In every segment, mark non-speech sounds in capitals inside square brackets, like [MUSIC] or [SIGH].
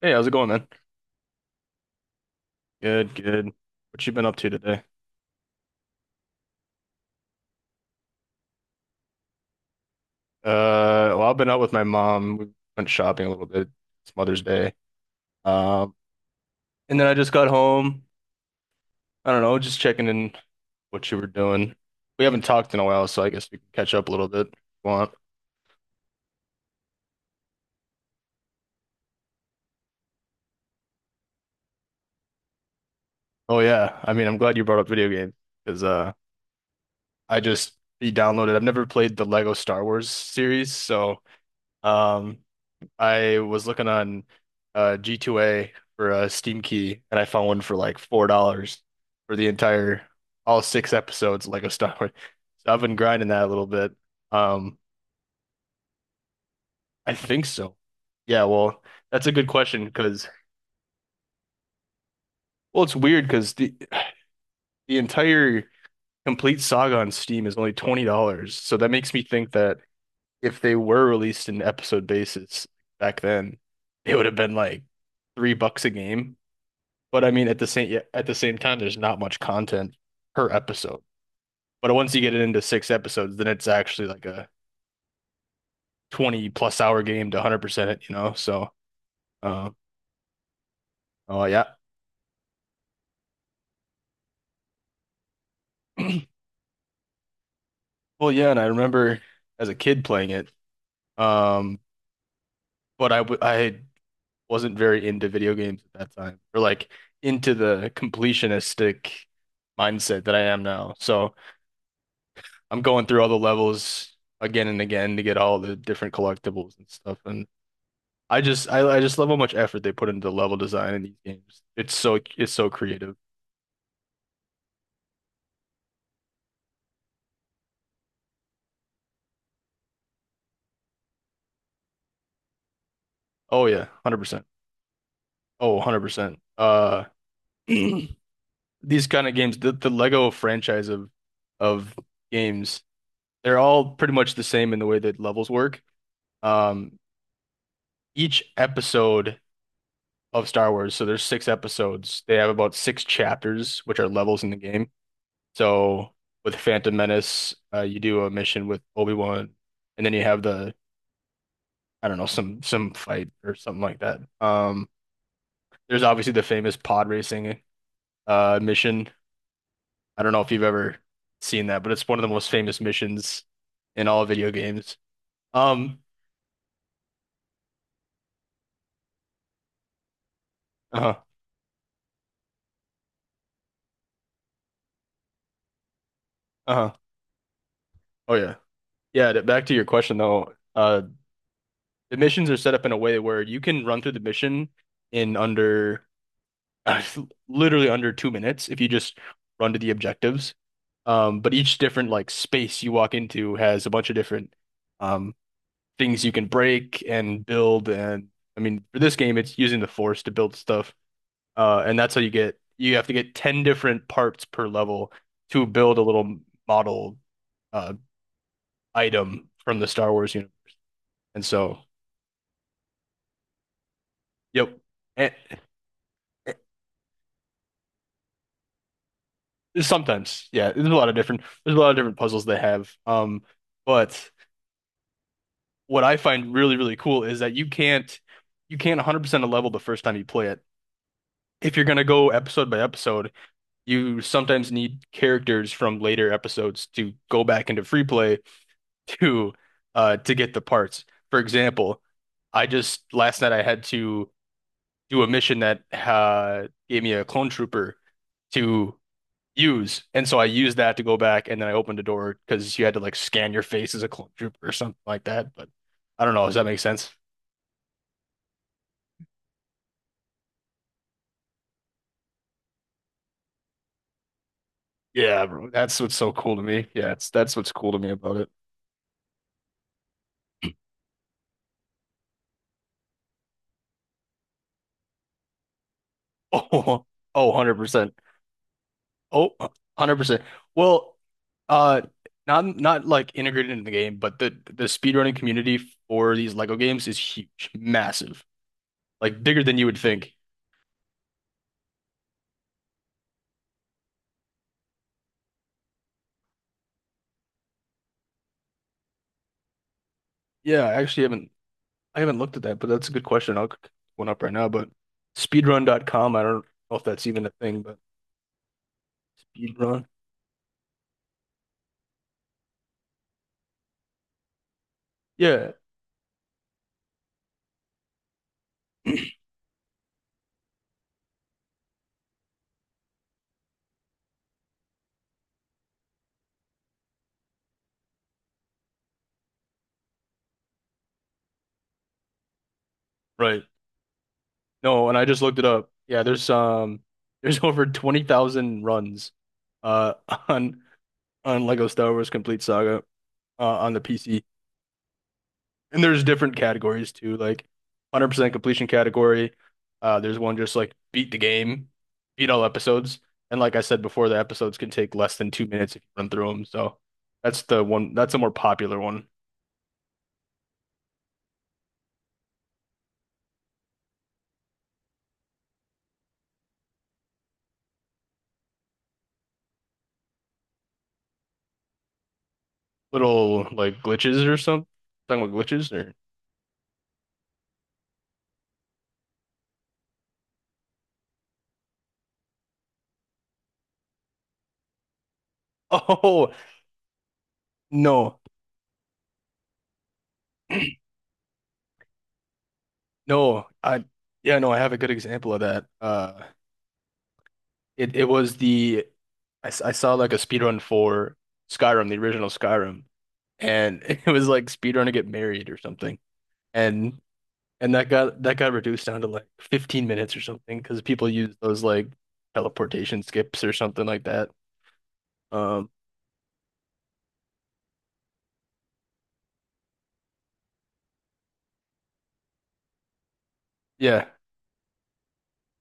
Hey, how's it going, man? Good, good. What you been up to today? Well, I've been out with my mom. We went shopping a little bit. It's Mother's Day. Um, and then I just got home. I don't know, just checking in what you were doing. We haven't talked in a while, so I guess we can catch up a little bit if you want. Oh yeah, I mean, I'm glad you brought up video games because I just re-downloaded. I've never played the Lego Star Wars series, so um, I was looking on G2A for a Steam key, and I found one for like $4 for the entire all six episodes of Lego Star Wars. So I've been grinding that a little bit. Um, I think so. Yeah, well, that's a good question because well, it's weird because the entire complete saga on Steam is only $20. So that makes me think that if they were released in episode basis back then, it would have been like 3 bucks a game. But I mean, at the same time, there's not much content per episode. But once you get it into six episodes, then it's actually like a 20 plus hour game to 100% it, you know? So, uh, oh, yeah. [CLEARS THROAT] Well, yeah. And I remember as a kid playing it. Um, but I wasn't very into video games at that time or like into the completionistic mindset that I am now. So I'm going through all the levels again and again to get all the different collectibles and stuff. And I just love how much effort they put into level design in these games. It's so creative. Oh yeah, 100%. Oh, 100%. [CLEARS THROAT] These kind of games, the Lego franchise of games, they're all pretty much the same in the way that levels work. Um each episode of Star Wars, so there's six episodes. They have about six chapters, which are levels in the game. So with Phantom Menace, you do a mission with Obi-Wan, and then you have the I don't know, some fight or something like that. There's obviously the famous pod racing mission. I don't know if you've ever seen that, but it's one of the most famous missions in all video games. Um, uh-huh, uh-huh. Oh yeah. Yeah, back to your question though. The missions are set up in a way where you can run through the mission in under [LAUGHS] literally under 2 minutes if you just run to the objectives. But each different like space you walk into has a bunch of different um things you can break and build. And I mean, for this game, it's using the force to build stuff. And that's how you get, you have to get 10 different parts per level to build a little model uh, item from the Star Wars universe. And so, yep. And sometimes, yeah, there's a lot of different, there's a lot of different puzzles they have. But what I find really, really cool is that you can't 100% a level the first time you play it. If you're going to go episode by episode, you sometimes need characters from later episodes to go back into free play [LAUGHS] to to get the parts. For example, I just last night I had to do a mission that gave me a clone trooper to use. And so I used that to go back and then I opened a door because you had to like scan your face as a clone trooper or something like that. But I don't know, does that make sense? Yeah, bro. That's what's so cool to me. Yeah, it's that's what's cool to me about it. [LAUGHS] Oh, oh, 100%. Oh, 100%. Well, uh not like integrated into the game, but the speedrunning community for these Lego games is huge, massive. Like bigger than you would think. Yeah, I haven't looked at that, but that's a good question. I'll look one up right now, but speedrun.com. I don't know if that's even a thing, but speedrun. Yeah, right. No, and I just looked it up. Yeah, there's [LAUGHS] there's over 20,000 runs uh [LAUGHS] on on Lego Star Wars Complete Saga, on the PC. And there's different categories too, like 100% completion category. There's one just like beat the game, beat all episodes. And like I said before, the episodes can take less than 2 minutes if you run through them. So that's the one, that's a more popular one. Little like glitches or something. Talking about glitches or [LAUGHS] oh, no, no, I yeah, no, I have a good example of that. It it was the I, s- I saw like a speedrun for Skyrim, the original Skyrim, and [LAUGHS] it was like speedrun to get married or something. And and that got reduced down to like 15 minutes or something because people use those like teleportation skips or something like that. Um yeah.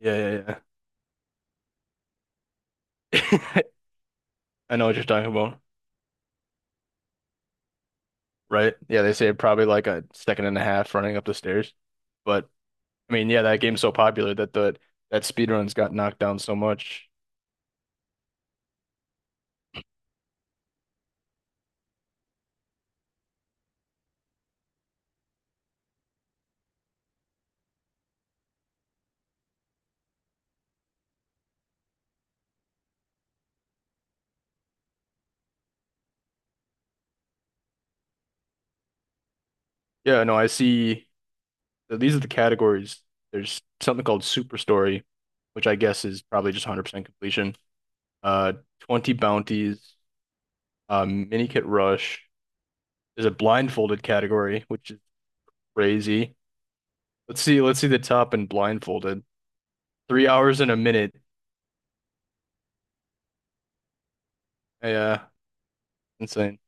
Yeah, yeah, yeah. [LAUGHS] I know what you're talking about, right? Yeah, they say probably like a second and a half running up the stairs. But I mean, yeah, that game's so popular that the that speedruns got knocked down so much. Yeah, no, I see. So these are the categories. There's something called Super Story, which I guess is probably just 100% completion. Uh, 20 bounties, mini kit rush. There's a blindfolded category, which is crazy. Let's see. Let's see the top and blindfolded. 3 hours and a minute. Yeah, insane.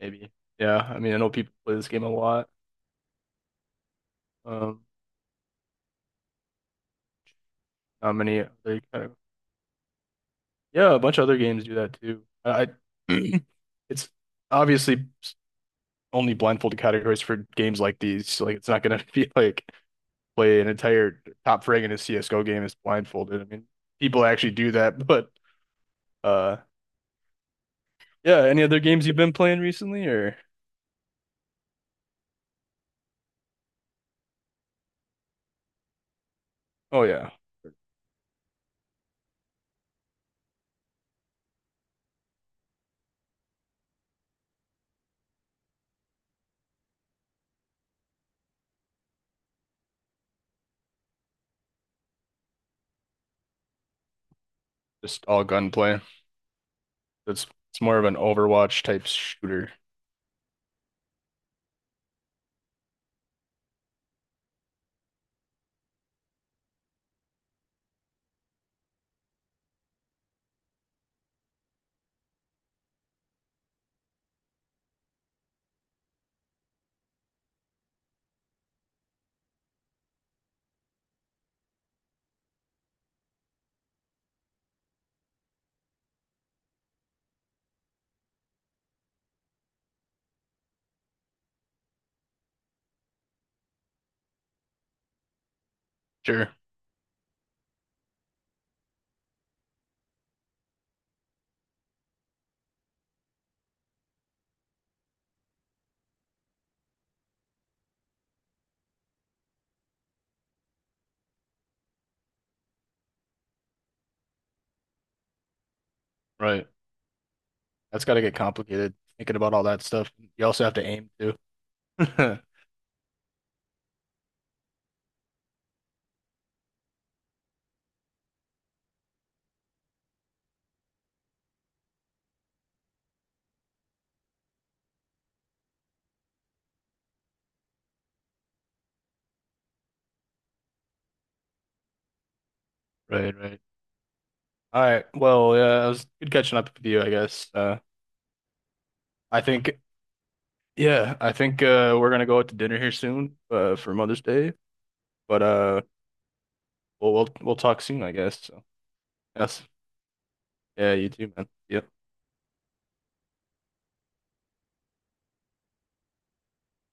Maybe. Yeah. I mean, I know people play this game a lot. Um, how many other categories? Yeah, a bunch of other games do that too. I [CLEARS THROAT] It's obviously only blindfolded categories for games like these. So, like it's not gonna [LAUGHS] be like play an entire top frag in a CSGO game is blindfolded. I mean, people actually do that, [LAUGHS] but uh yeah, any other games you've been playing recently, or oh yeah, just all gunplay. It's it's more of an Overwatch type shooter. Sure. Right. That's gotta get complicated thinking about all that stuff. You also have to aim too. [LAUGHS] Right, right. All right. Well, yeah, it was good catching up with you, I guess. I think Yeah, I think we're gonna go out to dinner here soon, for Mother's Day. But we'll talk soon, I guess. Yes. Yeah, you too, man. Yep.